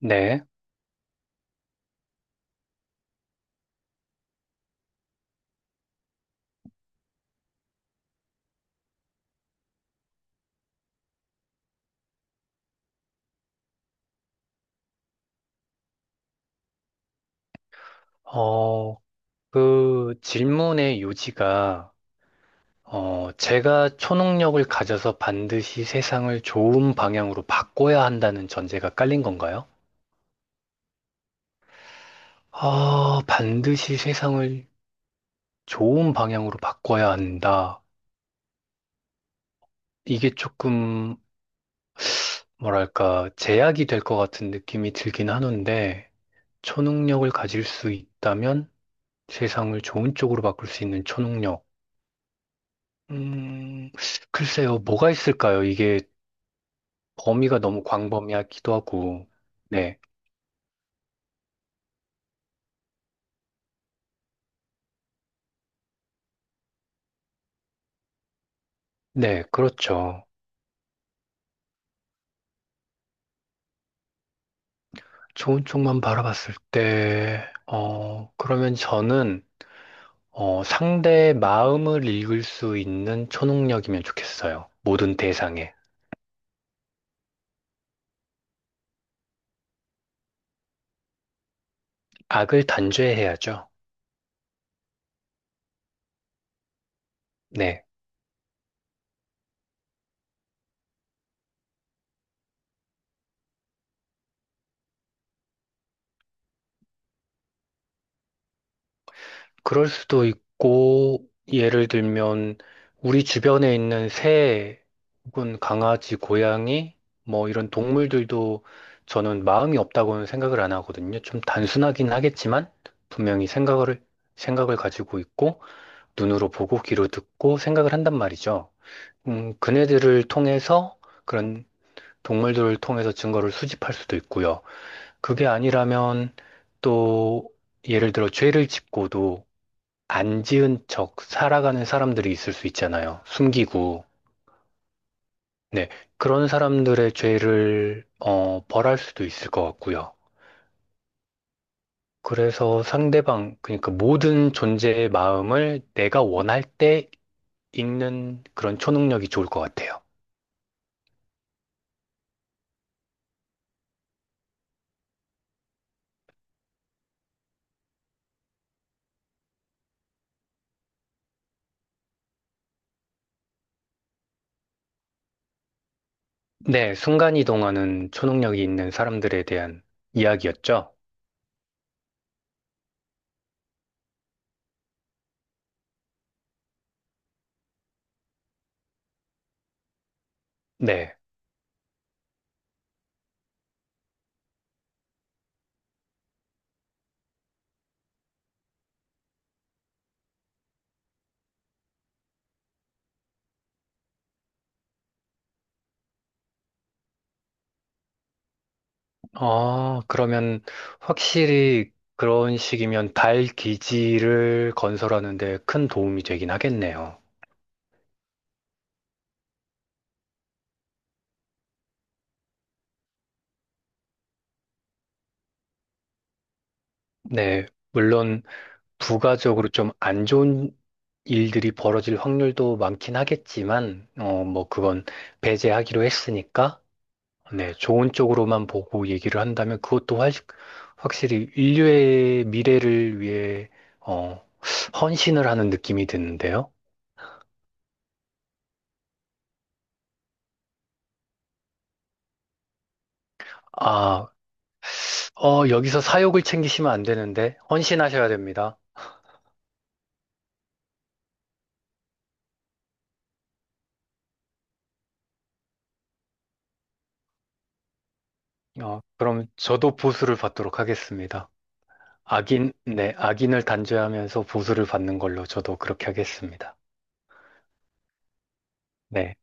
네. 어, 그 질문의 요지가, 제가 초능력을 가져서 반드시 세상을 좋은 방향으로 바꿔야 한다는 전제가 깔린 건가요? 아, 반드시 세상을 좋은 방향으로 바꿔야 한다. 이게 조금, 뭐랄까, 제약이 될 것 같은 느낌이 들긴 하는데, 초능력을 가질 수 있다면 세상을 좋은 쪽으로 바꿀 수 있는 초능력. 음, 글쎄요, 뭐가 있을까요? 이게 범위가 너무 광범위하기도 하고, 네, 네, 그렇죠. 좋은 쪽만 바라봤을 때, 그러면 저는, 상대의 마음을 읽을 수 있는 초능력이면 좋겠어요. 모든 대상에. 악을 단죄해야죠. 네. 그럴 수도 있고, 예를 들면, 우리 주변에 있는 새 혹은 강아지, 고양이, 뭐 이런 동물들도 저는 마음이 없다고는 생각을 안 하거든요. 좀 단순하긴 하겠지만, 분명히 생각을 가지고 있고, 눈으로 보고, 귀로 듣고, 생각을 한단 말이죠. 그네들을 통해서, 그런 동물들을 통해서 증거를 수집할 수도 있고요. 그게 아니라면, 또, 예를 들어 죄를 짓고도, 안 지은 척 살아가는 사람들이 있을 수 있잖아요. 숨기고. 네. 그런 사람들의 죄를, 벌할 수도 있을 것 같고요. 그래서 상대방, 그러니까 모든 존재의 마음을 내가 원할 때 읽는 그런 초능력이 좋을 것 같아요. 네. 순간이동하는 초능력이 있는 사람들에 대한 이야기였죠. 네. 아 그러면 확실히 그런 식이면 달 기지를 건설하는 데 큰 도움이 되긴 하겠네요. 네, 물론 부가적으로 좀 안 좋은 일들이 벌어질 확률도 많긴 하겠지만, 뭐 그건 배제하기로 했으니까, 네, 좋은 쪽으로만 보고 얘기를 한다면 그것도 확실히 인류의 미래를 위해, 어, 헌신을 하는 느낌이 드는데요. 아, 여기서 사욕을 챙기시면 안 되는데, 헌신하셔야 됩니다. 그럼 저도 보수를 받도록 하겠습니다. 악인, 네, 악인을 단죄하면서 보수를 받는 걸로 저도 그렇게 하겠습니다. 네,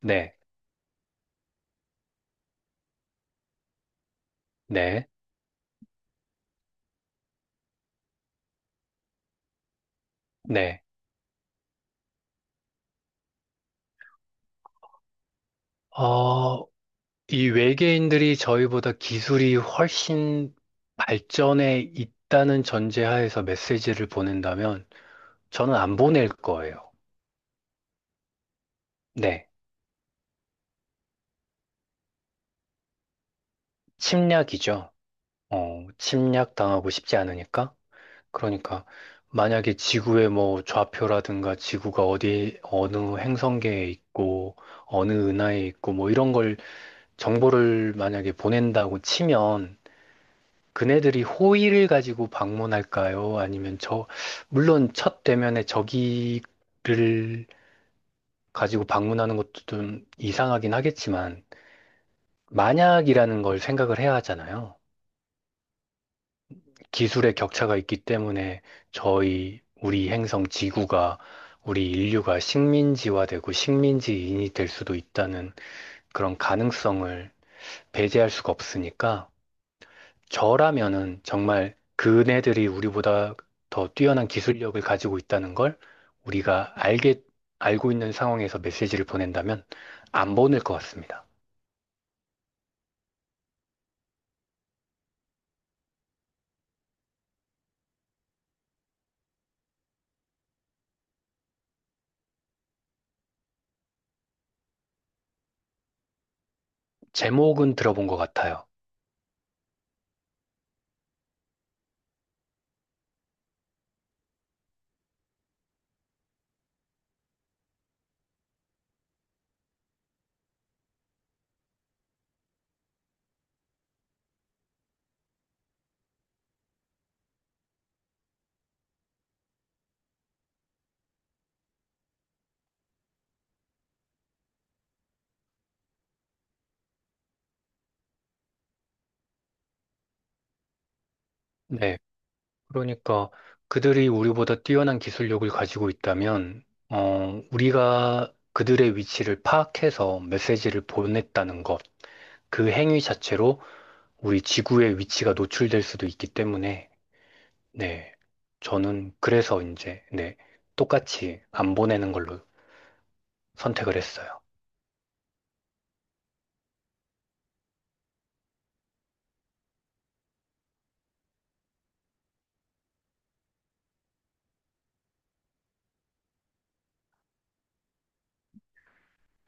네, 네, 네. 어, 이 외계인들이 저희보다 기술이 훨씬 발전해 있다는 전제하에서 메시지를 보낸다면 저는 안 보낼 거예요. 네, 침략이죠. 침략 당하고 싶지 않으니까. 그러니까 만약에 지구의 뭐 좌표라든가 지구가 어디 어느 행성계에 있고 어느 은하에 있고 뭐 이런 걸 정보를 만약에 보낸다고 치면 그네들이 호의를 가지고 방문할까요? 아니면 저 물론 첫 대면에 저기를 가지고 방문하는 것도 좀 이상하긴 하겠지만 만약이라는 걸 생각을 해야 하잖아요. 기술의 격차가 있기 때문에 저희, 우리 행성 지구가, 우리 인류가 식민지화되고 식민지인이 될 수도 있다는 그런 가능성을 배제할 수가 없으니까 저라면은 정말 그네들이 우리보다 더 뛰어난 기술력을 가지고 있다는 걸 우리가 알게, 알고 있는 상황에서 메시지를 보낸다면 안 보낼 것 같습니다. 제목은 들어본 것 같아요. 네. 그러니까 그들이 우리보다 뛰어난 기술력을 가지고 있다면, 우리가 그들의 위치를 파악해서 메시지를 보냈다는 것, 그 행위 자체로 우리 지구의 위치가 노출될 수도 있기 때문에, 네. 저는 그래서 이제, 네. 똑같이 안 보내는 걸로 선택을 했어요.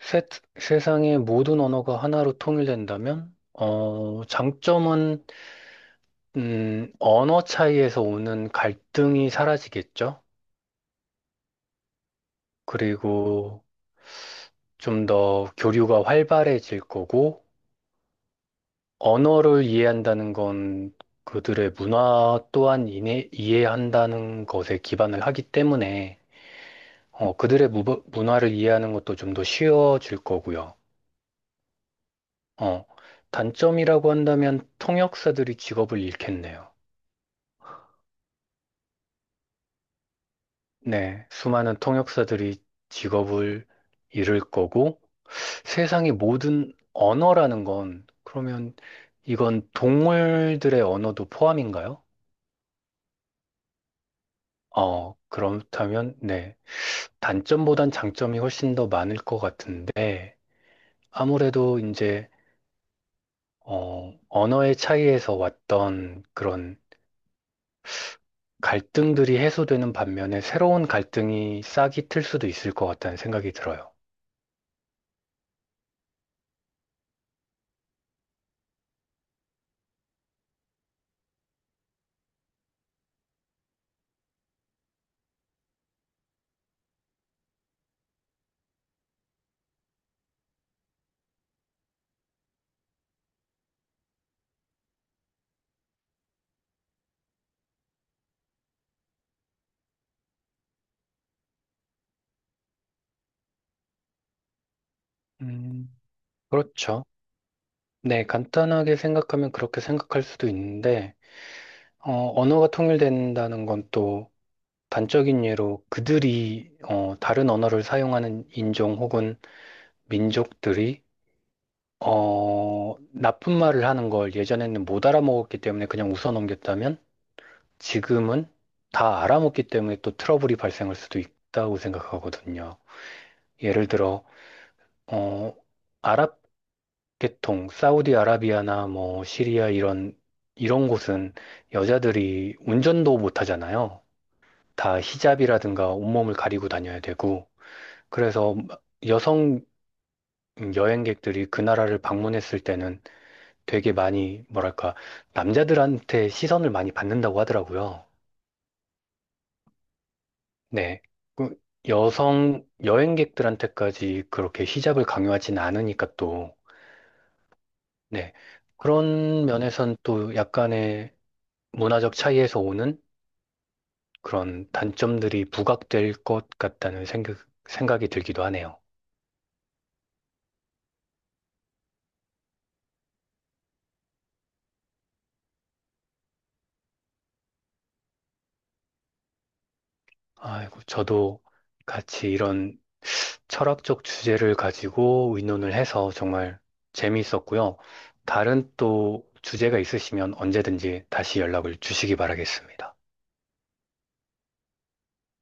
세, 세상의 모든 언어가 하나로 통일된다면, 장점은, 언어 차이에서 오는 갈등이 사라지겠죠? 그리고 좀 더 교류가 활발해질 거고, 언어를 이해한다는 건 그들의 문화 또한 이해한다는 것에 기반을 하기 때문에, 그들의 문화를 이해하는 것도 좀 더 쉬워질 거고요. 어, 단점이라고 한다면 통역사들이 직업을 잃겠네요. 네, 수많은 통역사들이 직업을 잃을 거고, 세상의 모든 언어라는 건, 그러면 이건 동물들의 언어도 포함인가요? 어, 그렇다면, 네. 단점보단 장점이 훨씬 더 많을 것 같은데, 아무래도 이제, 언어의 차이에서 왔던 그런 갈등들이 해소되는 반면에 새로운 갈등이 싹이 틀 수도 있을 것 같다는 생각이 들어요. 음, 그렇죠. 네, 간단하게 생각하면 그렇게 생각할 수도 있는데, 언어가 통일된다는 건 또 단적인 예로 그들이, 다른 언어를 사용하는 인종 혹은 민족들이, 나쁜 말을 하는 걸 예전에는 못 알아먹었기 때문에 그냥 웃어 넘겼다면, 지금은 다 알아먹기 때문에 또 트러블이 발생할 수도 있다고 생각하거든요. 예를 들어, 어, 아랍 보통 사우디아라비아나 뭐 시리아 이런 이런 곳은 여자들이 운전도 못 하잖아요. 다 히잡이라든가 온몸을 가리고 다녀야 되고 그래서 여성 여행객들이 그 나라를 방문했을 때는 되게 많이 뭐랄까 남자들한테 시선을 많이 받는다고 하더라고요. 네. 그 여성 여행객들한테까지 그렇게 히잡을 강요하진 않으니까 또 네. 그런 면에선 또 약간의 문화적 차이에서 오는 그런 단점들이 부각될 것 같다는 생각이 들기도 하네요. 아이고, 저도 같이 이런 철학적 주제를 가지고 의논을 해서 정말 재미있었고요. 다른 또 주제가 있으시면 언제든지 다시 연락을 주시기 바라겠습니다.